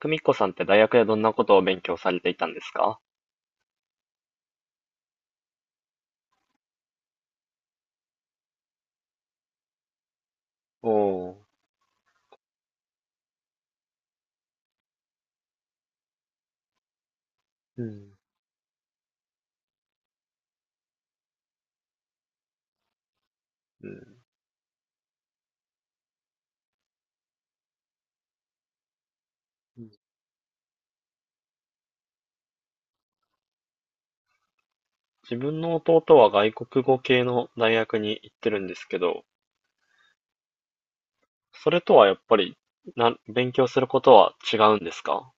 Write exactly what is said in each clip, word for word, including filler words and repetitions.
久美子さんって大学でどんなことを勉強されていたんですか？おー。うん、うん。自分の弟は外国語系の大学に行ってるんですけど、それとはやっぱり、な、勉強することは違うんですか？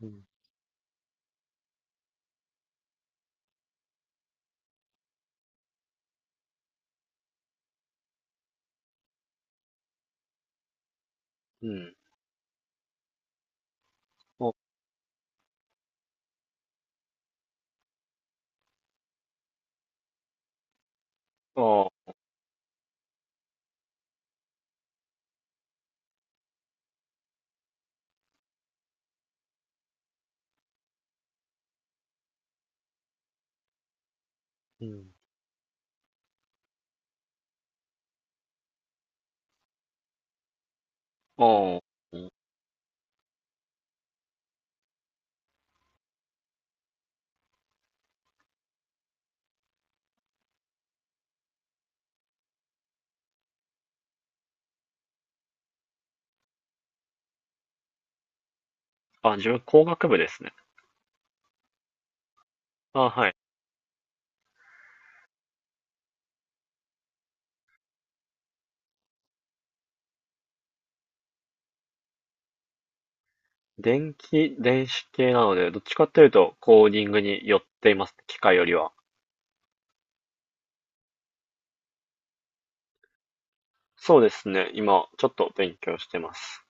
うん。うん。お、ああ、うん。ああ、うん。あ、自分工学部ですね。あ、はい。電気、電子系なので、どっちかっていうとコーディングに寄っています。機械よりは。そうですね。今、ちょっと勉強してます。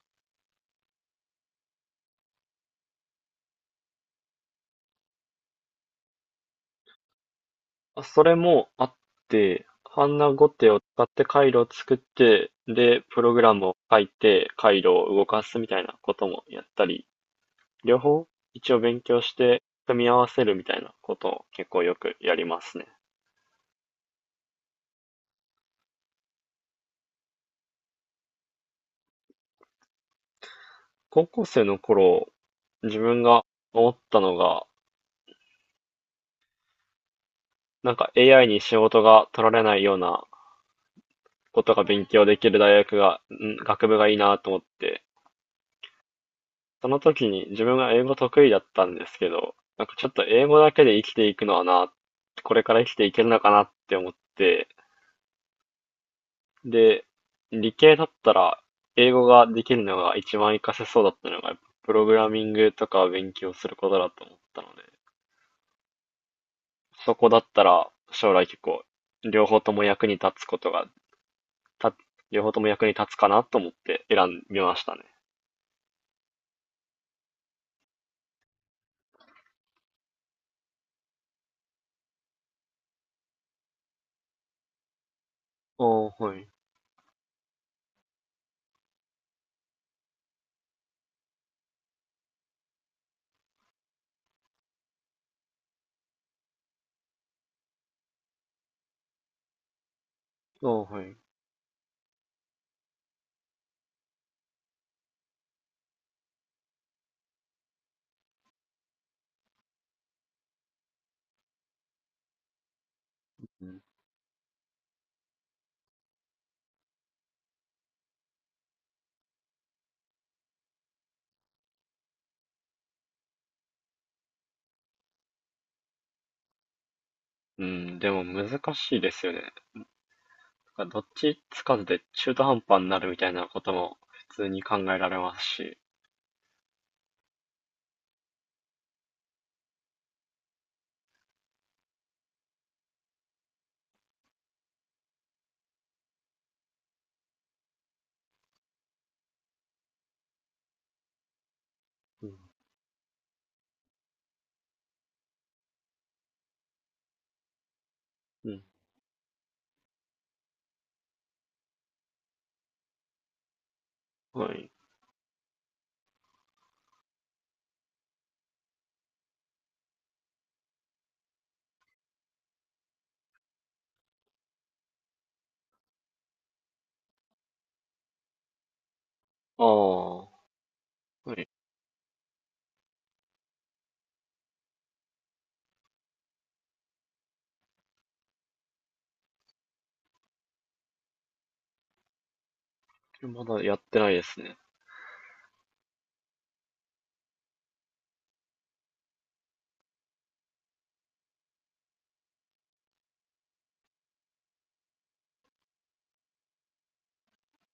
あ、それもあって、ハンナゴテを使って回路を作って、で、プログラムを書いて、回路を動かすみたいなこともやったり、両方一応勉強して組み合わせるみたいなことを結構よくやりますね。高校生の頃、自分が思ったのが、なんか エーアイ に仕事が取られないようなことが勉強できる大学が、ん学部がいいなと思って、その時に自分が英語得意だったんですけど、なんかちょっと英語だけで生きていくのはな、これから生きていけるのかなって思って、で、理系だったら英語ができるのが一番活かせそうだったのが、やっぱプログラミングとかを勉強することだと思ったので、そこだったら将来結構両方とも役に立つことが、た、両方とも役に立つかなと思って選びましたね。ああ、はい。ああ、はい。うん、うん、でも難しいですよね。なんかどっちつかずで中途半端になるみたいなことも普通に考えられますし。うん。うん。はい。ああ。はい。まだやってないですね。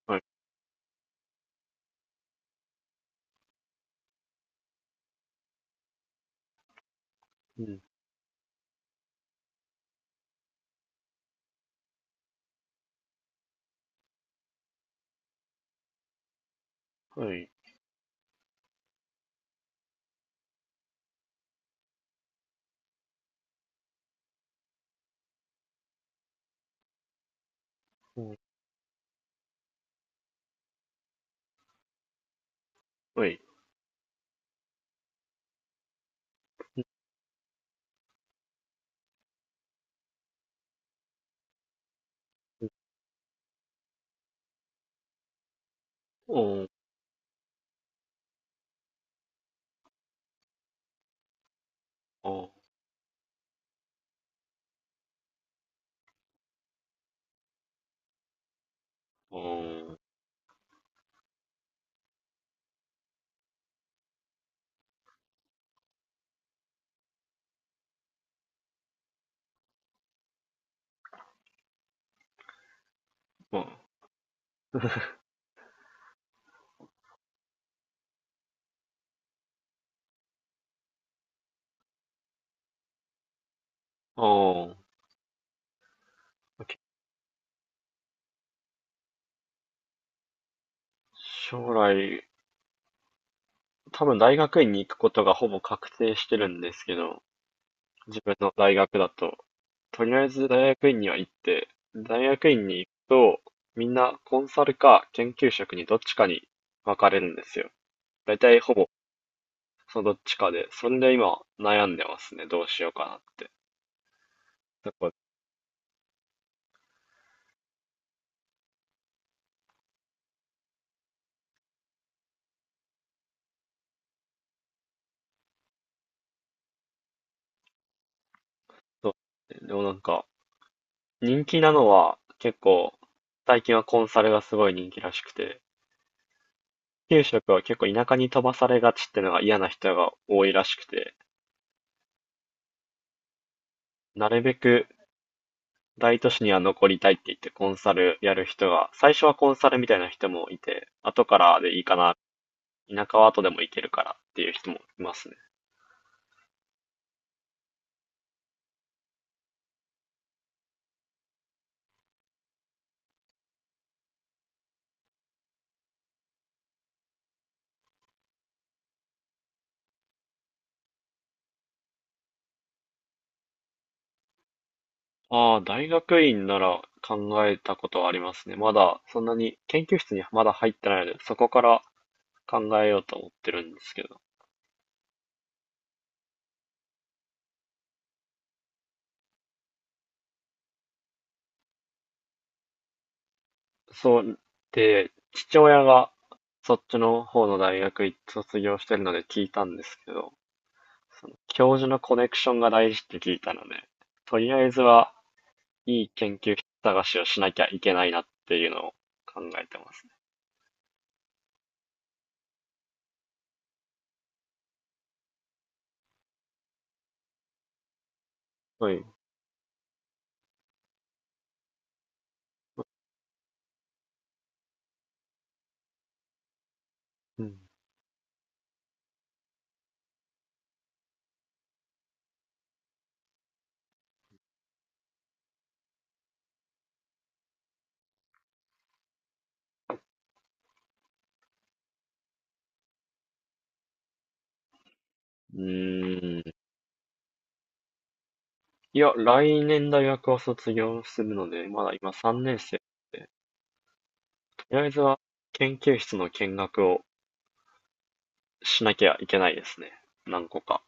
はい。うん。はい。うん、はい。おー。おー。おー。まあ。おー。将来、多分大学院に行くことがほぼ確定してるんですけど、自分の大学だと。とりあえず大学院には行って、大学院に行くと、みんなコンサルか研究職にどっちかに分かれるんですよ。だいたいほぼそのどっちかで、それで今悩んでますね。どうしようかなって。だからそうでもなんか、人気なのは結構、最近はコンサルがすごい人気らしくて、研究職は結構田舎に飛ばされがちってのが嫌な人が多いらしくて、なるべく大都市には残りたいって言ってコンサルやる人が、最初はコンサルみたいな人もいて、後からでいいかな、田舎は後でも行けるからっていう人もいますね。ああ、大学院なら考えたことはありますね。まだそんなに研究室にまだ入ってないので、そこから考えようと思ってるんですけど。そう、で、父親がそっちの方の大学卒業してるので聞いたんですけど、その教授のコネクションが大事って聞いたので、とりあえずはいい研究室探しをしなきゃいけないなっていうのを考えてますね。はい。うん。うーん。いや、来年大学を卒業するので、まだ今さんねん生で、とりあえずは研究室の見学をしなきゃいけないですね。何個か。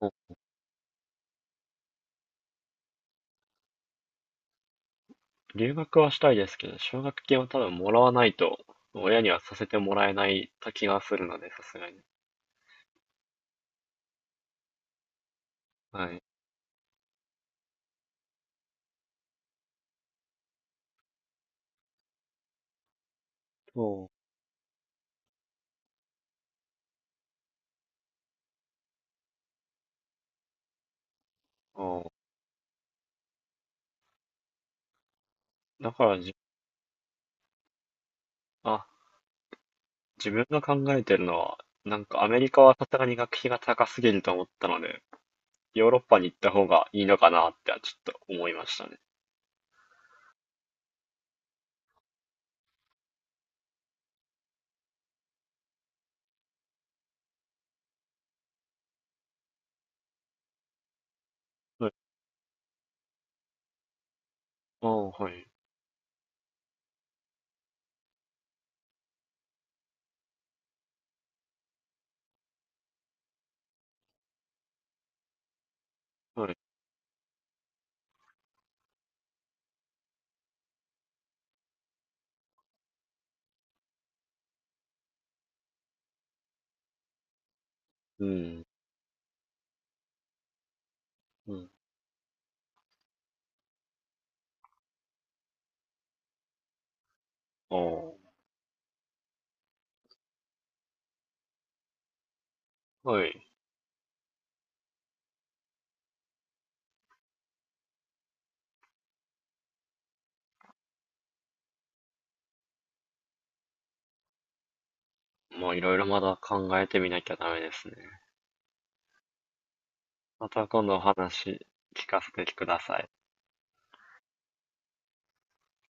お、留学はしたいですけど、奨学金を多分もらわないと、親にはさせてもらえない気がするので、さすがに。はい。そう。あー、だからじ、あ、自分が考えてるのは、なんかアメリカはさすがに学費が高すぎると思ったので、ヨーロッパに行った方がいいのかなってはちょっと思いましたね。はい。ああ、はい。はい。うん。うん。ああ、はい。まあいろいろまだ考えてみなきゃダメですね。また今度お話聞かせてください。